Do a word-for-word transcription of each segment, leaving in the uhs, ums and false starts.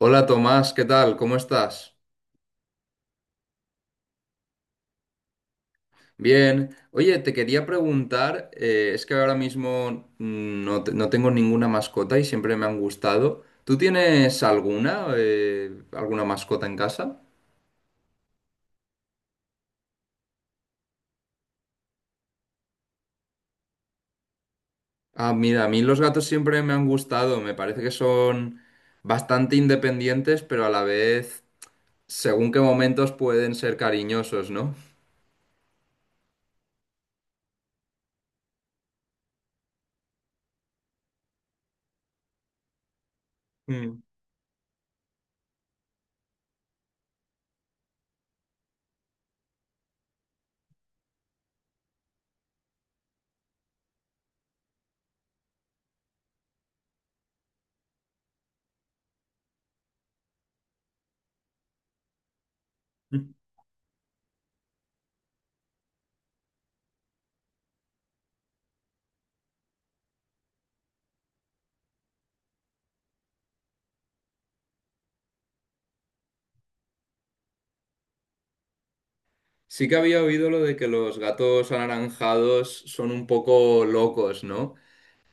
Hola Tomás, ¿qué tal? ¿Cómo estás? Bien. Oye, te quería preguntar, eh, es que ahora mismo mm, no, te- no tengo ninguna mascota y siempre me han gustado. ¿Tú tienes alguna, eh, alguna mascota en casa? Ah, mira, a mí los gatos siempre me han gustado. Me parece que son bastante independientes, pero a la vez, según qué momentos pueden ser cariñosos, ¿no? Mm. Sí que había oído lo de que los gatos anaranjados son un poco locos, ¿no?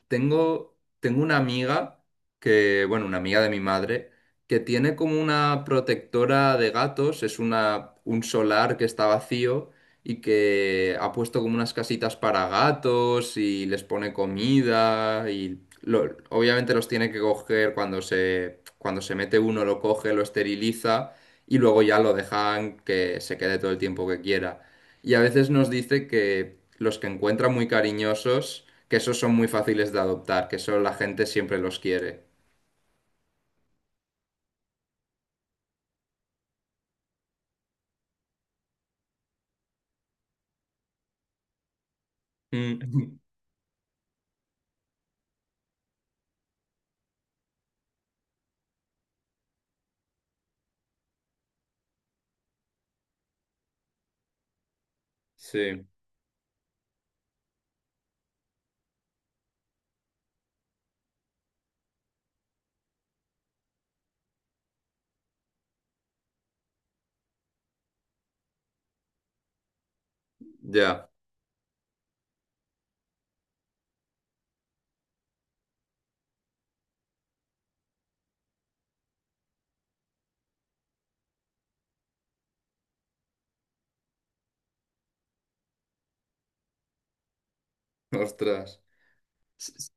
Tengo, tengo una amiga que, bueno, una amiga de mi madre, que tiene como una protectora de gatos, es una, un solar que está vacío y que ha puesto como unas casitas para gatos y les pone comida y lo- obviamente los tiene que coger cuando se, cuando se mete uno, lo coge, lo esteriliza y luego ya lo dejan que se quede todo el tiempo que quiera. Y a veces nos dice que los que encuentra muy cariñosos que esos son muy fáciles de adoptar, que eso la gente siempre los quiere. Mm. Sí, ya, ostras. S- s-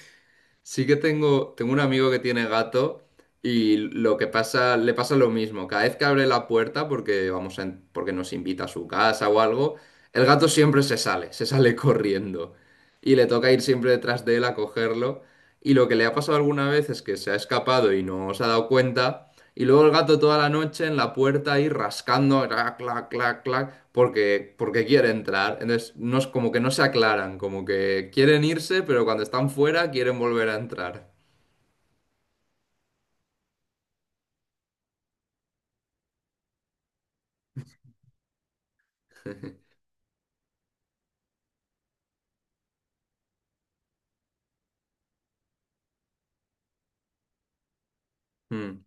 Sí que tengo, tengo un amigo que tiene gato y lo que pasa, le pasa lo mismo. Cada vez que abre la puerta porque vamos a en- porque nos invita a su casa o algo, el gato siempre se sale, se sale corriendo. Y le toca ir siempre detrás de él a cogerlo. Y lo que le ha pasado alguna vez es que se ha escapado y no se ha dado cuenta. Y luego el gato toda la noche en la puerta ahí rascando, clac, clac, clac, clac, porque, porque quiere entrar. Entonces, no es como que no se aclaran, como que quieren irse, pero cuando están fuera quieren volver a entrar. Mm.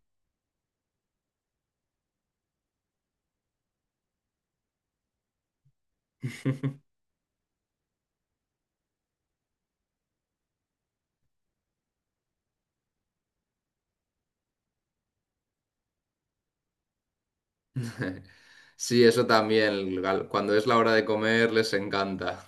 Sí, eso también, el gal- cuando es la hora de comer les encanta.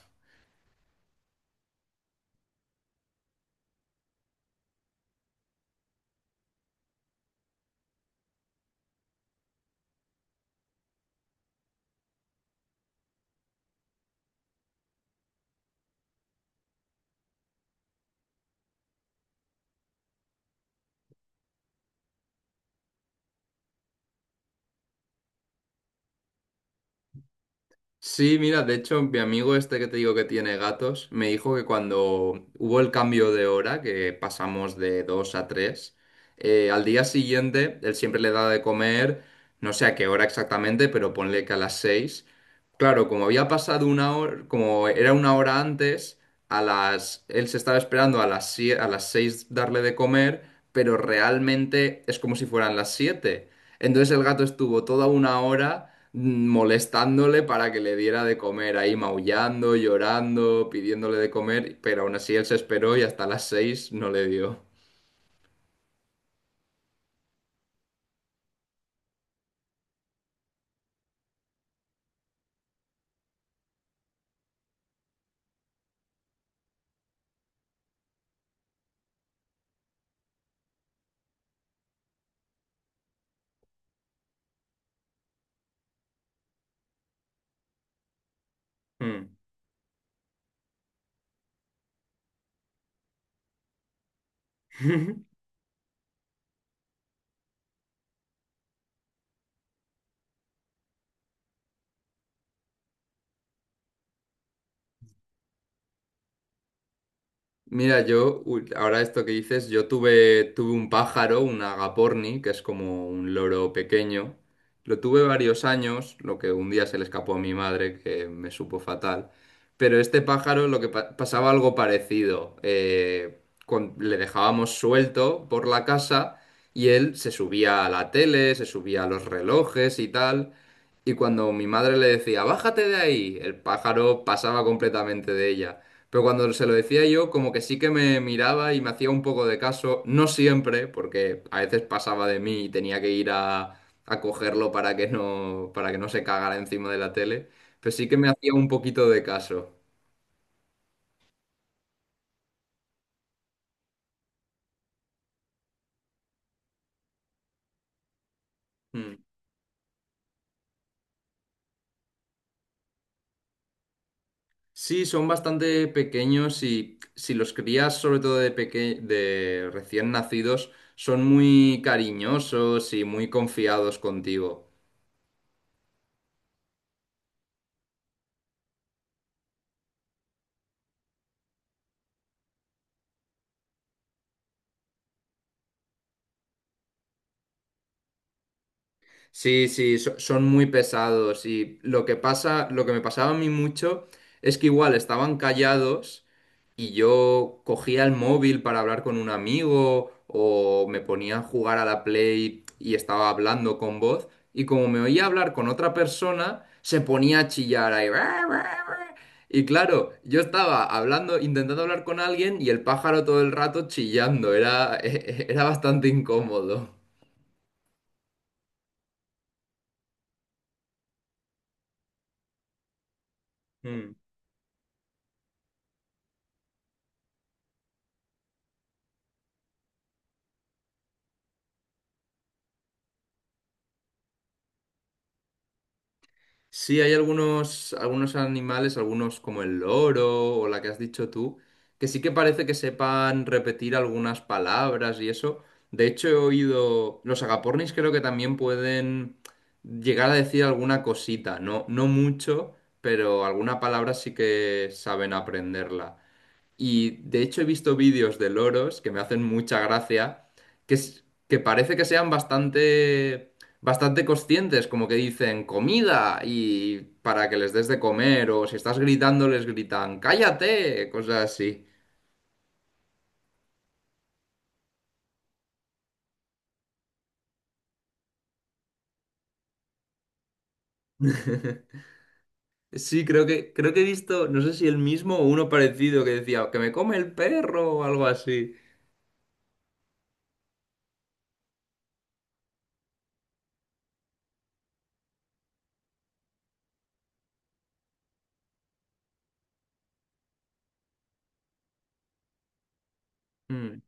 Sí, mira, de hecho, mi amigo este que te digo que tiene gatos, me dijo que cuando hubo el cambio de hora, que pasamos de dos a tres, eh, al día siguiente él siempre le da de comer, no sé a qué hora exactamente, pero ponle que a las seis. Claro, como había pasado una hora, como era una hora antes, a las, él se estaba esperando a las, sie- a las seis darle de comer, pero realmente es como si fueran las siete. Entonces el gato estuvo toda una hora molestándole para que le diera de comer, ahí maullando, llorando, pidiéndole de comer, pero aún así él se esperó y hasta las seis no le dio. Mm. Mira, yo, u- ahora esto que dices, yo tuve, tuve un pájaro, un agaporni, que es como un loro pequeño. Lo tuve varios años, lo que un día se le escapó a mi madre, que me supo fatal. Pero este pájaro, lo que pa- pasaba algo parecido. Eh, con- le dejábamos suelto por la casa y él se subía a la tele, se subía a los relojes y tal. Y cuando mi madre le decía, bájate de ahí, el pájaro pasaba completamente de ella. Pero cuando se lo decía yo, como que sí que me miraba y me hacía un poco de caso, no siempre, porque a veces pasaba de mí y tenía que ir a, a cogerlo para que no, para que no se cagara encima de la tele, pero sí que me hacía un poquito de caso. Mm. Sí, son bastante pequeños y si los crías, sobre todo de peque- de recién nacidos, son muy cariñosos y muy confiados contigo. Sí, sí, so- son muy pesados y lo que pasa, lo que me pasaba a mí mucho es que igual estaban callados y yo cogía el móvil para hablar con un amigo o me ponía a jugar a la Play y estaba hablando con voz y como me oía hablar con otra persona se ponía a chillar ahí. Y claro, yo estaba hablando, intentando hablar con alguien y el pájaro todo el rato chillando, era, era bastante incómodo. Sí, hay algunos, algunos animales, algunos como el loro o la que has dicho tú, que sí que parece que sepan repetir algunas palabras y eso. De hecho, he oído, los agapornis creo que también pueden llegar a decir alguna cosita, no, no mucho, pero alguna palabra sí que saben aprenderla. Y de hecho he visto vídeos de loros que me hacen mucha gracia, que, es- que parece que sean bastante, bastante conscientes, como que dicen comida y para que les des de comer, o si estás gritando les gritan cállate, cosas así. Sí, creo que, creo que he visto, no sé si el mismo o uno parecido que decía que me come el perro o algo así. Mm.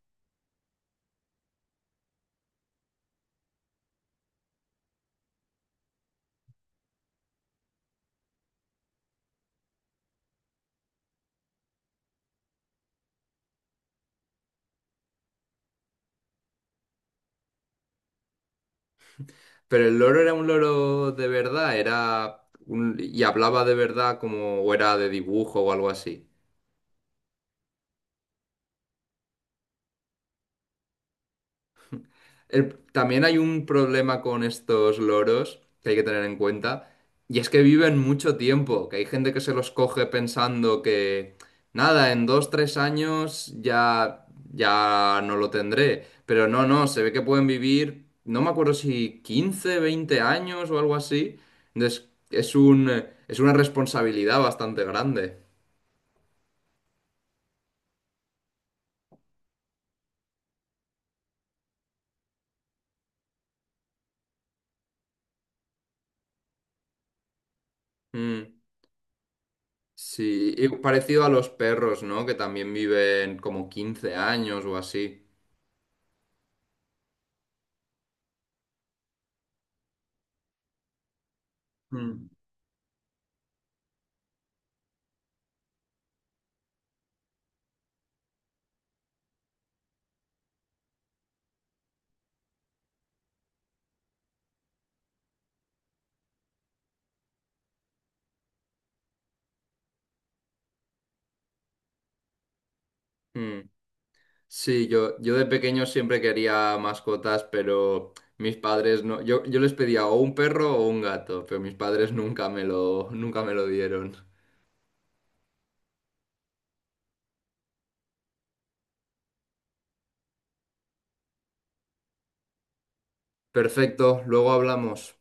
Pero el loro era un loro de verdad, era un- y hablaba de verdad como o era de dibujo o algo así. El- también hay un problema con estos loros que hay que tener en cuenta, y es que viven mucho tiempo, que hay gente que se los coge pensando que, nada, en dos, tres años ya, ya no lo tendré, pero no, no, se ve que pueden vivir, no me acuerdo si quince veinte años o algo así, entonces es un, es una responsabilidad bastante grande. Mm, sí, y parecido a los perros, ¿no? Que también viven como quince años o así. Mm. Mm. Sí, yo, yo de pequeño siempre quería mascotas, pero mis padres no. Yo, yo les pedía o un perro o un gato, pero mis padres nunca me lo, nunca me lo dieron. Perfecto, luego hablamos.